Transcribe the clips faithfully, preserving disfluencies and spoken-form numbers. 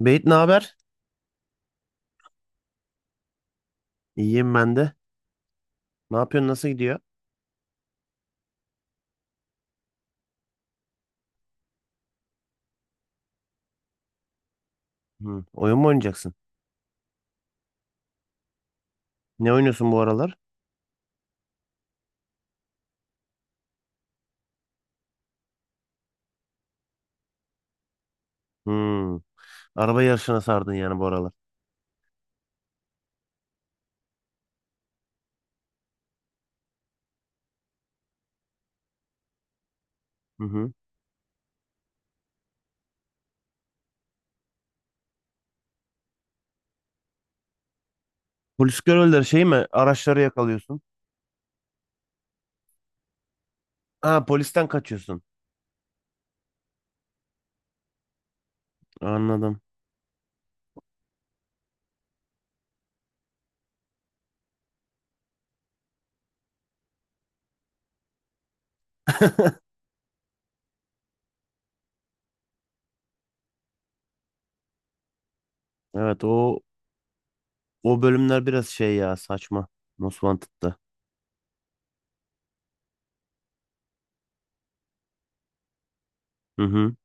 Beyt, ne haber? İyiyim ben de. Ne yapıyorsun? Nasıl gidiyor? Hı. Oyun mu oynayacaksın? Ne oynuyorsun bu aralar? Hı. Araba yarışına sardın yani bu aralar. Hı hı. Polis görevlileri şey mi? Araçları yakalıyorsun. Ha, polisten kaçıyorsun. Anladım. Evet, o o bölümler biraz şey ya, saçma. Most Wanted'da. Hı hı.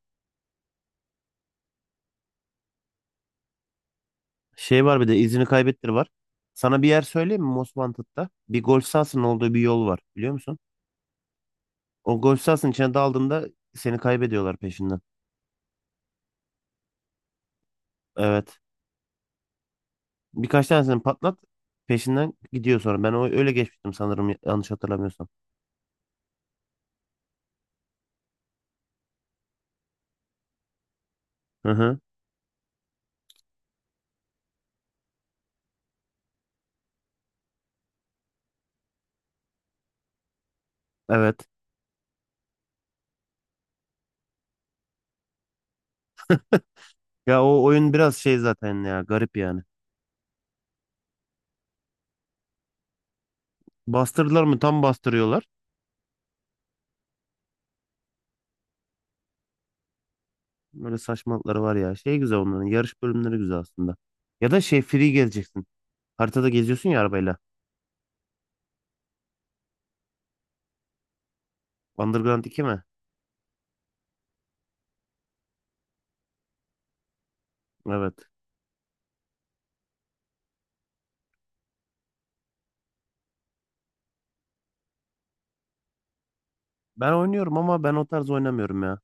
Şey var, bir de izini kaybettir var. Sana bir yer söyleyeyim mi Most Wanted'da? Bir golf sahasının olduğu bir yol var, biliyor musun? O golf sahasının içine daldığında seni kaybediyorlar peşinden. Evet. Birkaç tanesini patlat. Peşinden gidiyor sonra. Ben o öyle geçmiştim sanırım, yanlış hatırlamıyorsam. Hı hı. Evet. Ya o oyun biraz şey zaten ya, garip yani. Bastırdılar mı tam bastırıyorlar. Böyle saçmalıkları var ya. Şey güzel, onların yarış bölümleri güzel aslında. Ya da şey, free gezeceksin. Haritada geziyorsun ya arabayla. Underground iki mi? Evet. Ben oynuyorum ama ben o tarz oynamıyorum ya.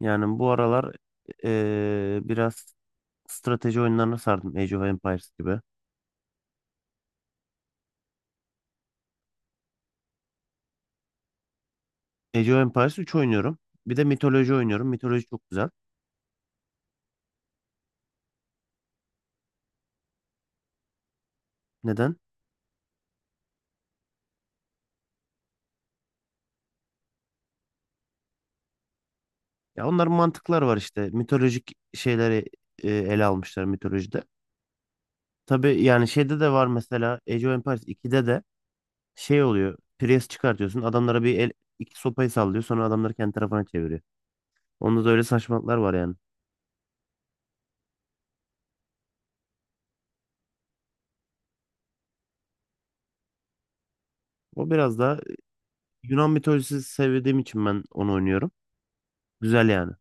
Yani bu aralar eee, biraz strateji oyunlarına sardım. Age of Empires gibi. Age of Empires üç oynuyorum. Bir de mitoloji oynuyorum. Mitoloji çok güzel. Neden? Ya onların mantıklar var işte. Mitolojik şeyleri e, ele almışlar mitolojide. Tabii yani şeyde de var mesela, Age of Empires ikide de şey oluyor. Priest çıkartıyorsun. Adamlara bir el, iki sopayı sallıyor. Sonra adamları kendi tarafına çeviriyor. Onda da öyle saçmalıklar var yani. O biraz da Yunan mitolojisi sevdiğim için ben onu oynuyorum. Güzel yani.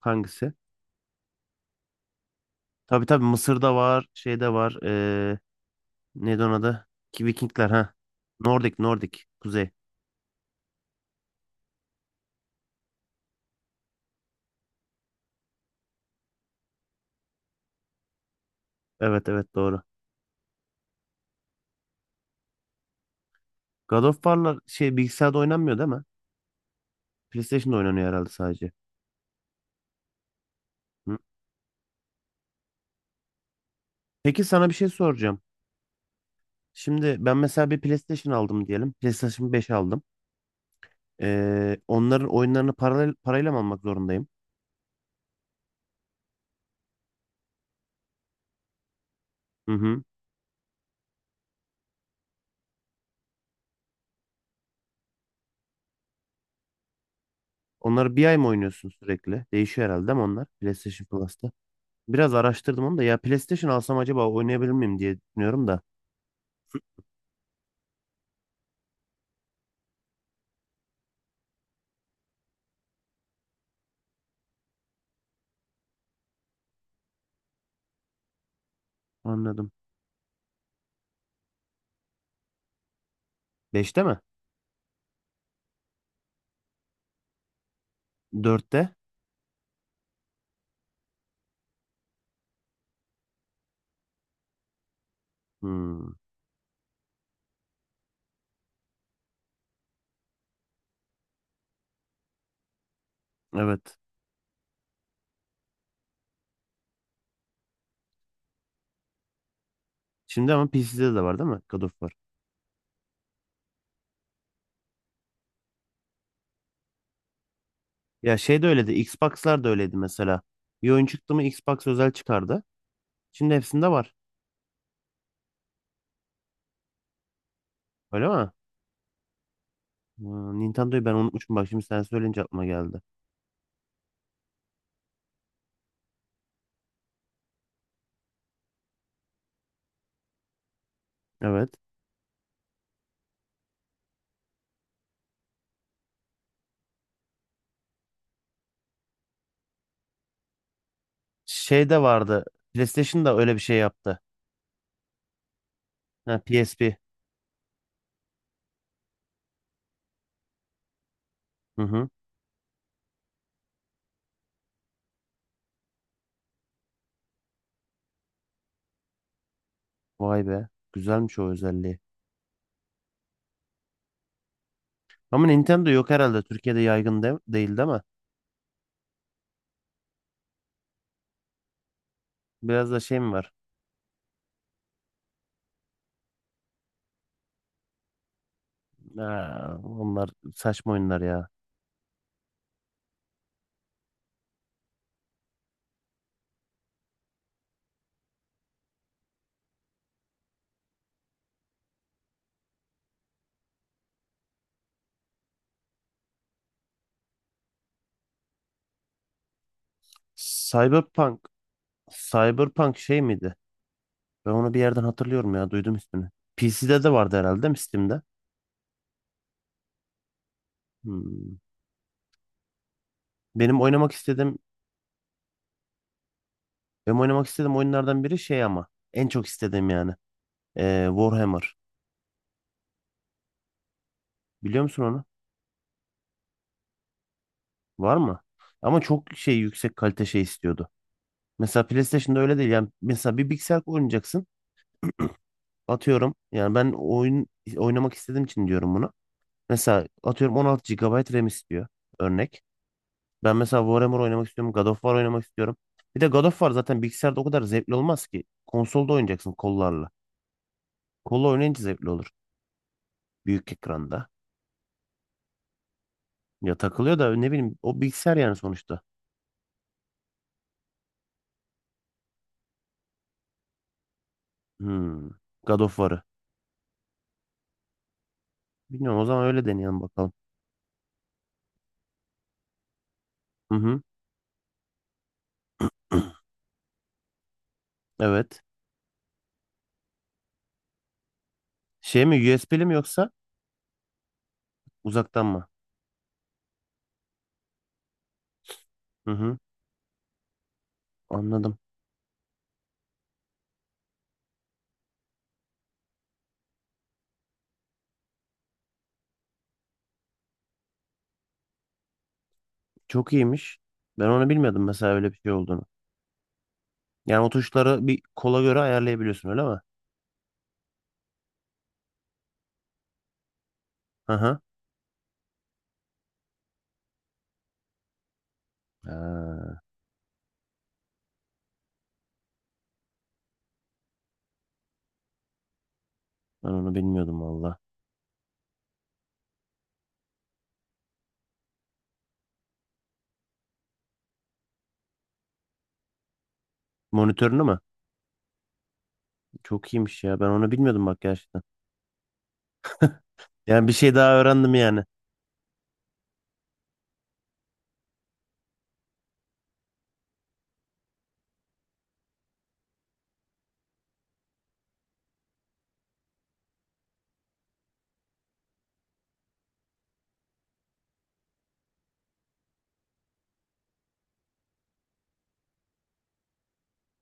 Hangisi? Tabii tabii, Mısır'da var, şeyde var. e, Neydi onun adı? Ki Vikingler ha. Nordic, Nordic. Kuzey. Evet evet, doğru. God of War'lar şey, bilgisayarda oynanmıyor değil mi? PlayStation'da oynanıyor herhalde sadece. Hı. Peki sana bir şey soracağım. Şimdi ben mesela bir PlayStation aldım diyelim. PlayStation beş aldım. Ee, onların oyunlarını paralel, parayla mı almak zorundayım? Hı hı. Onları bir ay mı oynuyorsun sürekli? Değişiyor herhalde değil mi onlar? PlayStation Plus'ta. Biraz araştırdım onu da. Ya PlayStation alsam acaba oynayabilir miyim diye düşünüyorum da. Anladım. Beşte mi? Dörtte? Hmm. Evet. Şimdi ama P C'de de var değil mi? God of War. Ya şey de öyleydi. Xbox'lar da öyleydi mesela. Bir oyun çıktı mı Xbox özel çıkardı. Şimdi hepsinde var. Öyle mi? Hmm, Nintendo'yu ben unutmuşum. Bak şimdi sen söyleyince aklıma geldi. Evet. Şey de vardı. PlayStation da öyle bir şey yaptı. Ha, P S P. Hı hı. Vay be. Güzelmiş o özelliği. Ama Nintendo yok herhalde. Türkiye'de yaygın de değil değil mi? Biraz da şey mi var? Ha, onlar saçma oyunlar ya. Cyberpunk. Cyberpunk şey miydi? Ben onu bir yerden hatırlıyorum ya. Duydum ismini. P C'de de vardı herhalde değil mi Steam'de? Hmm. Benim oynamak istediğim Benim oynamak istediğim oyunlardan biri şey ama, en çok istediğim yani. Ee, Warhammer. Biliyor musun onu? Var mı? Ama çok şey, yüksek kalite şey istiyordu. Mesela PlayStation'da öyle değil. Yani mesela bir bilgisayar oynayacaksın. Atıyorum. Yani ben oyun oynamak istediğim için diyorum bunu. Mesela atıyorum on altı gigabayt RAM istiyor. Örnek. Ben mesela Warhammer oynamak istiyorum. God of War oynamak istiyorum. Bir de God of War zaten bilgisayarda o kadar zevkli olmaz ki. Konsolda oynayacaksın kollarla. Kolla oynayınca zevkli olur. Büyük ekranda. Ya takılıyor da ne bileyim, o bilgisayar yani sonuçta. Hmm. God of War'ı. Bilmiyorum, o zaman öyle deneyelim bakalım. Hı hı. Evet. Şey mi, U S B'li mi yoksa uzaktan mı? Hı hı. Anladım. Çok iyiymiş. Ben onu bilmiyordum mesela öyle bir şey olduğunu. Yani o tuşları bir kola göre ayarlayabiliyorsun öyle mi? Hı hı. Ha, ben onu bilmiyordum valla. Monitörünü mü? Çok iyiymiş ya. Ben onu bilmiyordum bak gerçekten. Yani bir şey daha öğrendim yani.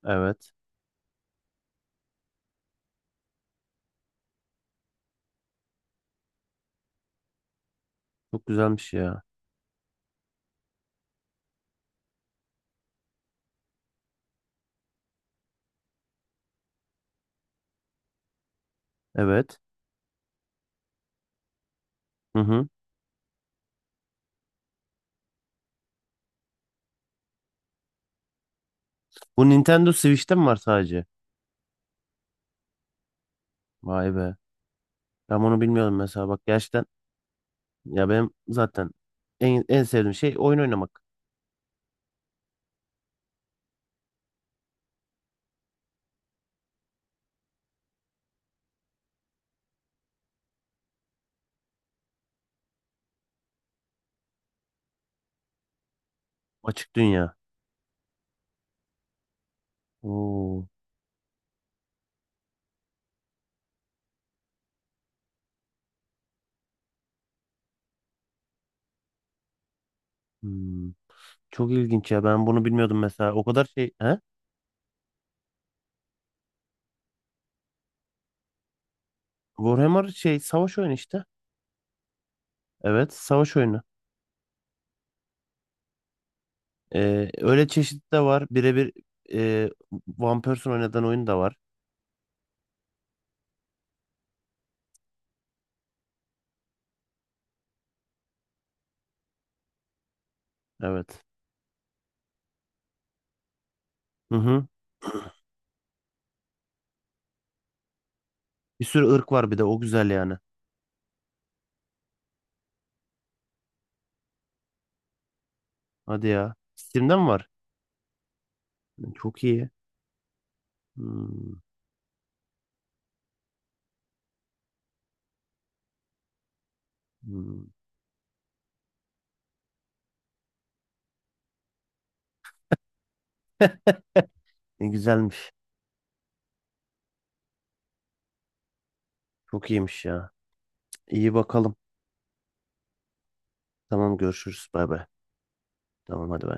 Evet. Çok güzelmiş ya. Evet. Hı hı. Bu Nintendo Switch'te mi var sadece? Vay be. Ben onu bilmiyordum mesela. Bak gerçekten, ya benim zaten en, en sevdiğim şey oyun oynamak. Açık dünya. Oo. Hmm. Çok ilginç ya. Ben bunu bilmiyordum mesela. O kadar şey. He? Warhammer şey, savaş oyunu işte. Evet. Savaş oyunu. Ee, öyle çeşitli de var. Birebir e, One Person oynadığın oyun da var. Evet. Hı hı. Bir sürü ırk var, bir de o güzel yani. Hadi ya. Steam'de mi var? Çok iyi. Hmm. Hmm. Ne güzelmiş. Çok iyiymiş ya. İyi bakalım. Tamam görüşürüz. Bay bay. Tamam hadi bay.